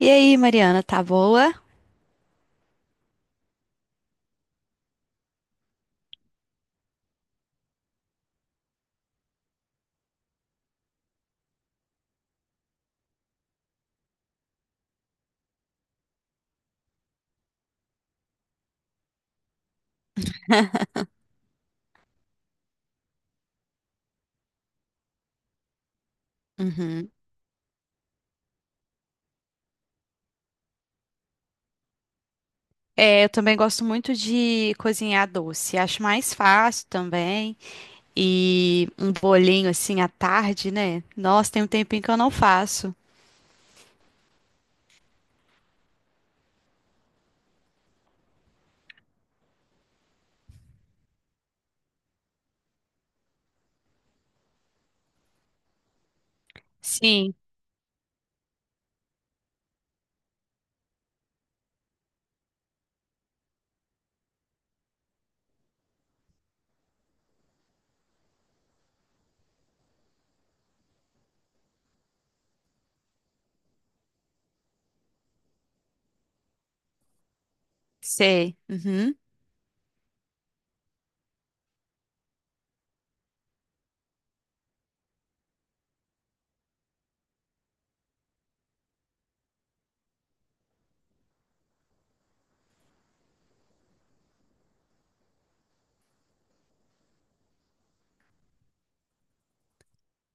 E aí, Mariana, tá boa? Uhum. É, eu também gosto muito de cozinhar doce. Acho mais fácil também. E um bolinho assim à tarde, né? Nossa, tem um tempinho que eu não faço. Sim, sei. Uhum.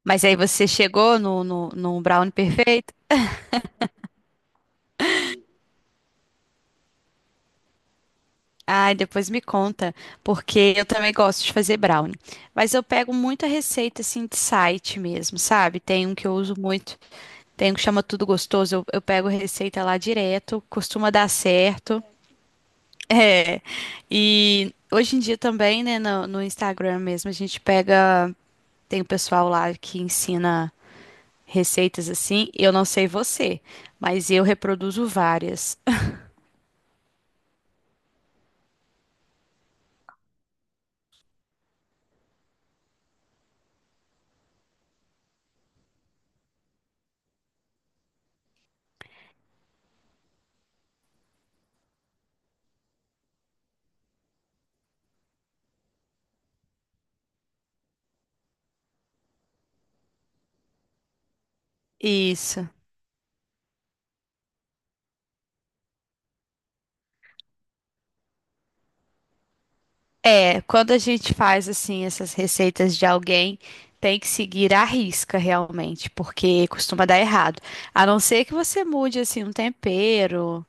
Mas aí você chegou no brownie perfeito? Ai, depois me conta, porque eu também gosto de fazer brownie. Mas eu pego muita receita assim de site mesmo, sabe? Tem um que eu uso muito, tem um que chama Tudo Gostoso. Eu pego receita lá direto, costuma dar certo. É. E hoje em dia também, né, no Instagram mesmo, a gente pega. Tem o pessoal lá que ensina receitas assim. Eu não sei você, mas eu reproduzo várias. Isso. É, quando a gente faz assim essas receitas de alguém, tem que seguir à risca realmente, porque costuma dar errado. A não ser que você mude assim um tempero,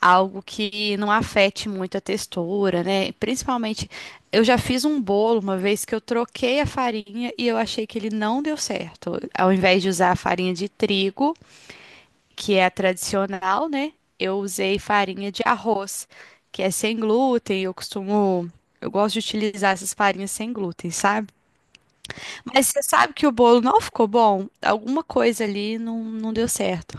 algo que não afete muito a textura, né? Principalmente, eu já fiz um bolo uma vez que eu troquei a farinha e eu achei que ele não deu certo. Ao invés de usar a farinha de trigo, que é a tradicional, né? Eu usei farinha de arroz, que é sem glúten. Eu costumo, eu gosto de utilizar essas farinhas sem glúten, sabe? Mas você sabe que o bolo não ficou bom? Alguma coisa ali não, não deu certo.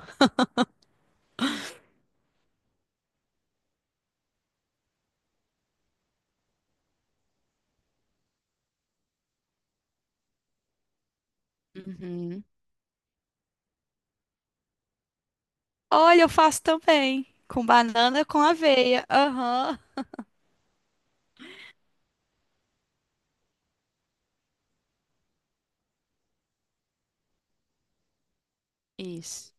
Uhum. Olha, eu faço também, com banana com aveia. Aham. Isso.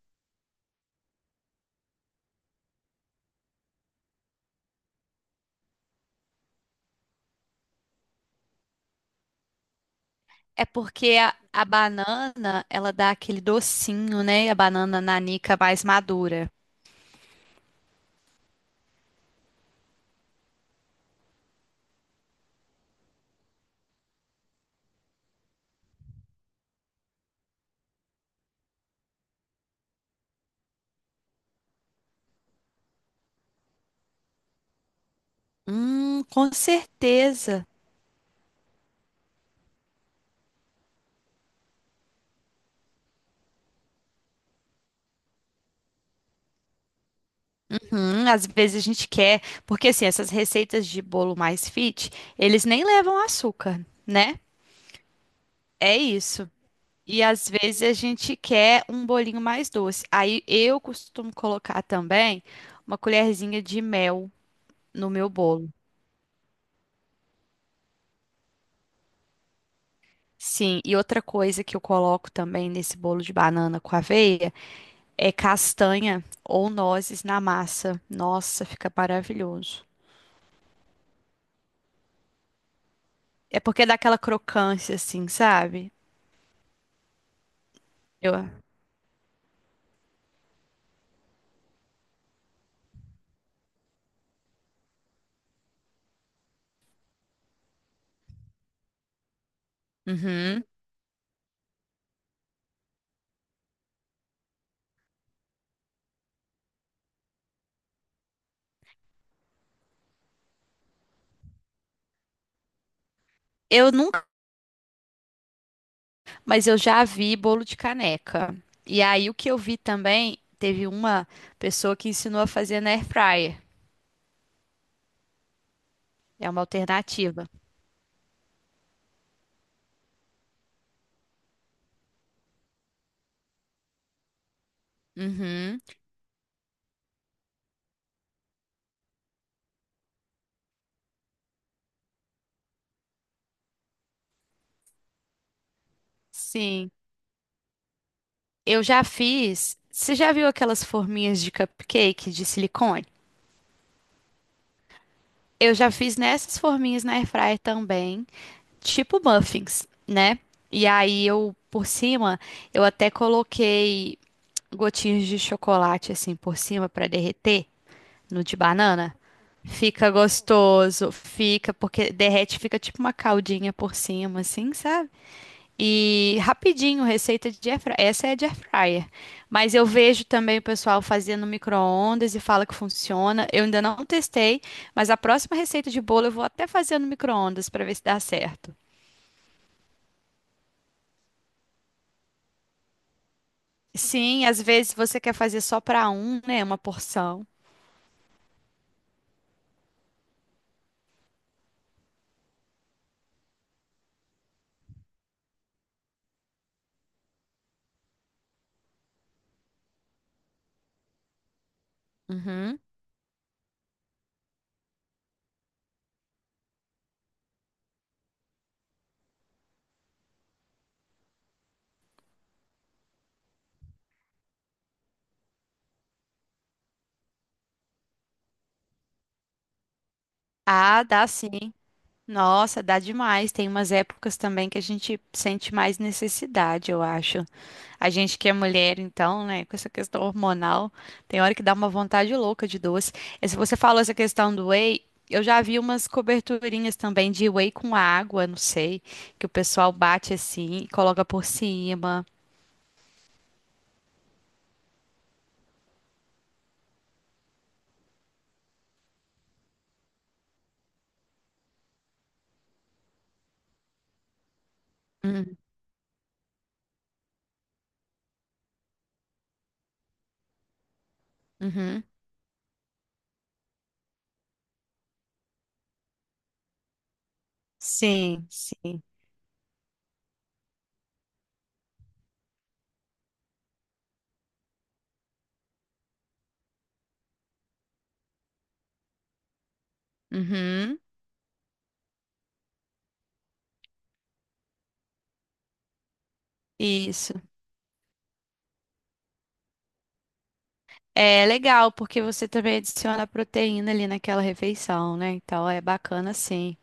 É porque a banana, ela dá aquele docinho, né? A banana nanica mais madura. Com certeza. Às vezes a gente quer, porque assim, essas receitas de bolo mais fit, eles nem levam açúcar, né? É isso. E às vezes a gente quer um bolinho mais doce. Aí eu costumo colocar também uma colherzinha de mel no meu bolo. Sim, e outra coisa que eu coloco também nesse bolo de banana com aveia é castanha ou nozes na massa. Nossa, fica maravilhoso. É porque dá aquela crocância assim, sabe? Eu... Uhum. Eu Mas eu já vi bolo de caneca. E aí o que eu vi também, teve uma pessoa que ensinou a fazer na air fryer. É uma alternativa. Uhum. Sim. Eu já fiz. Você já viu aquelas forminhas de cupcake de silicone? Eu já fiz nessas forminhas na air fryer também, tipo muffins, né? E aí eu por cima, eu até coloquei gotinhas de chocolate assim por cima para derreter. No de banana. Fica gostoso, fica, porque derrete, fica tipo uma caldinha por cima, assim, sabe? E rapidinho, receita de air fryer. Essa é de air fryer. Mas eu vejo também o pessoal fazendo no micro-ondas e fala que funciona. Eu ainda não testei, mas a próxima receita de bolo eu vou até fazer no micro-ondas para ver se dá certo. Sim, às vezes você quer fazer só para um, né? Uma porção. Uhum. Ah, dá sim. Nossa, dá demais. Tem umas épocas também que a gente sente mais necessidade, eu acho. A gente que é mulher, então, né, com essa questão hormonal, tem hora que dá uma vontade louca de doce. E se você falou essa questão do whey, eu já vi umas coberturinhas também de whey com água, não sei, que o pessoal bate assim e coloca por cima. Hum, Uhum. Sim, sim. Uhum. Isso. É legal, porque você também adiciona proteína ali naquela refeição, né? Então é bacana sim.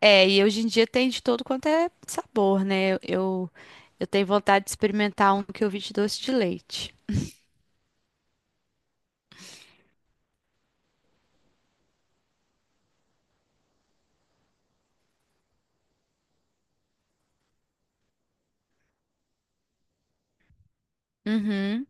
É, e hoje em dia tem de todo quanto é sabor, né? Eu tenho vontade de experimentar um que eu vi de doce de leite. Uhum,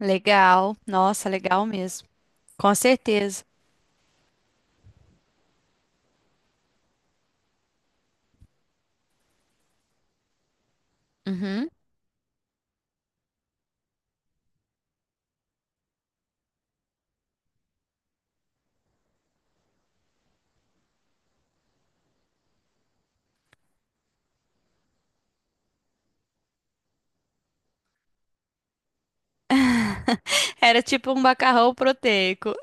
legal. Nossa, legal mesmo. Com certeza. Uhum. Era tipo um macarrão proteico.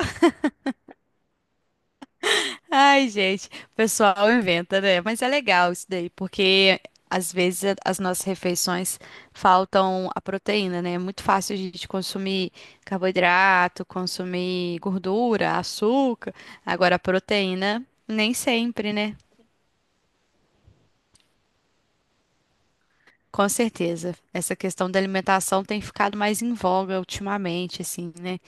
Ai, gente, o pessoal inventa, né? Mas é legal isso daí, porque às vezes as nossas refeições faltam a proteína, né? É muito fácil a gente consumir carboidrato, consumir gordura, açúcar. Agora, a proteína, nem sempre, né? Com certeza. Essa questão da alimentação tem ficado mais em voga ultimamente, assim, né?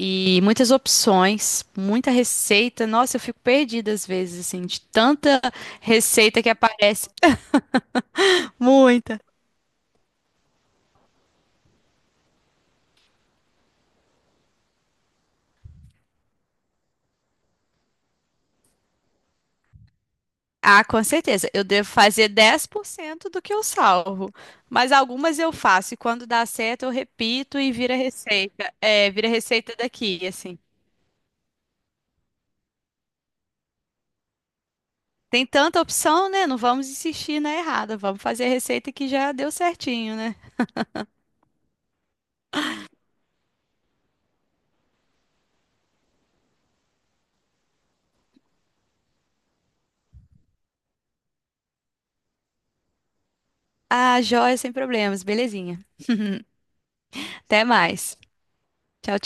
E muitas opções, muita receita. Nossa, eu fico perdida às vezes, assim, de tanta receita que aparece. Muita. Ah, com certeza. Eu devo fazer 10% do que eu salvo. Mas algumas eu faço e quando dá certo eu repito e vira receita. É, vira receita daqui, assim. Tem tanta opção, né? Não vamos insistir na errada. Vamos fazer a receita que já deu certinho, né? Ah, joia, sem problemas. Belezinha. Até mais. Tchau,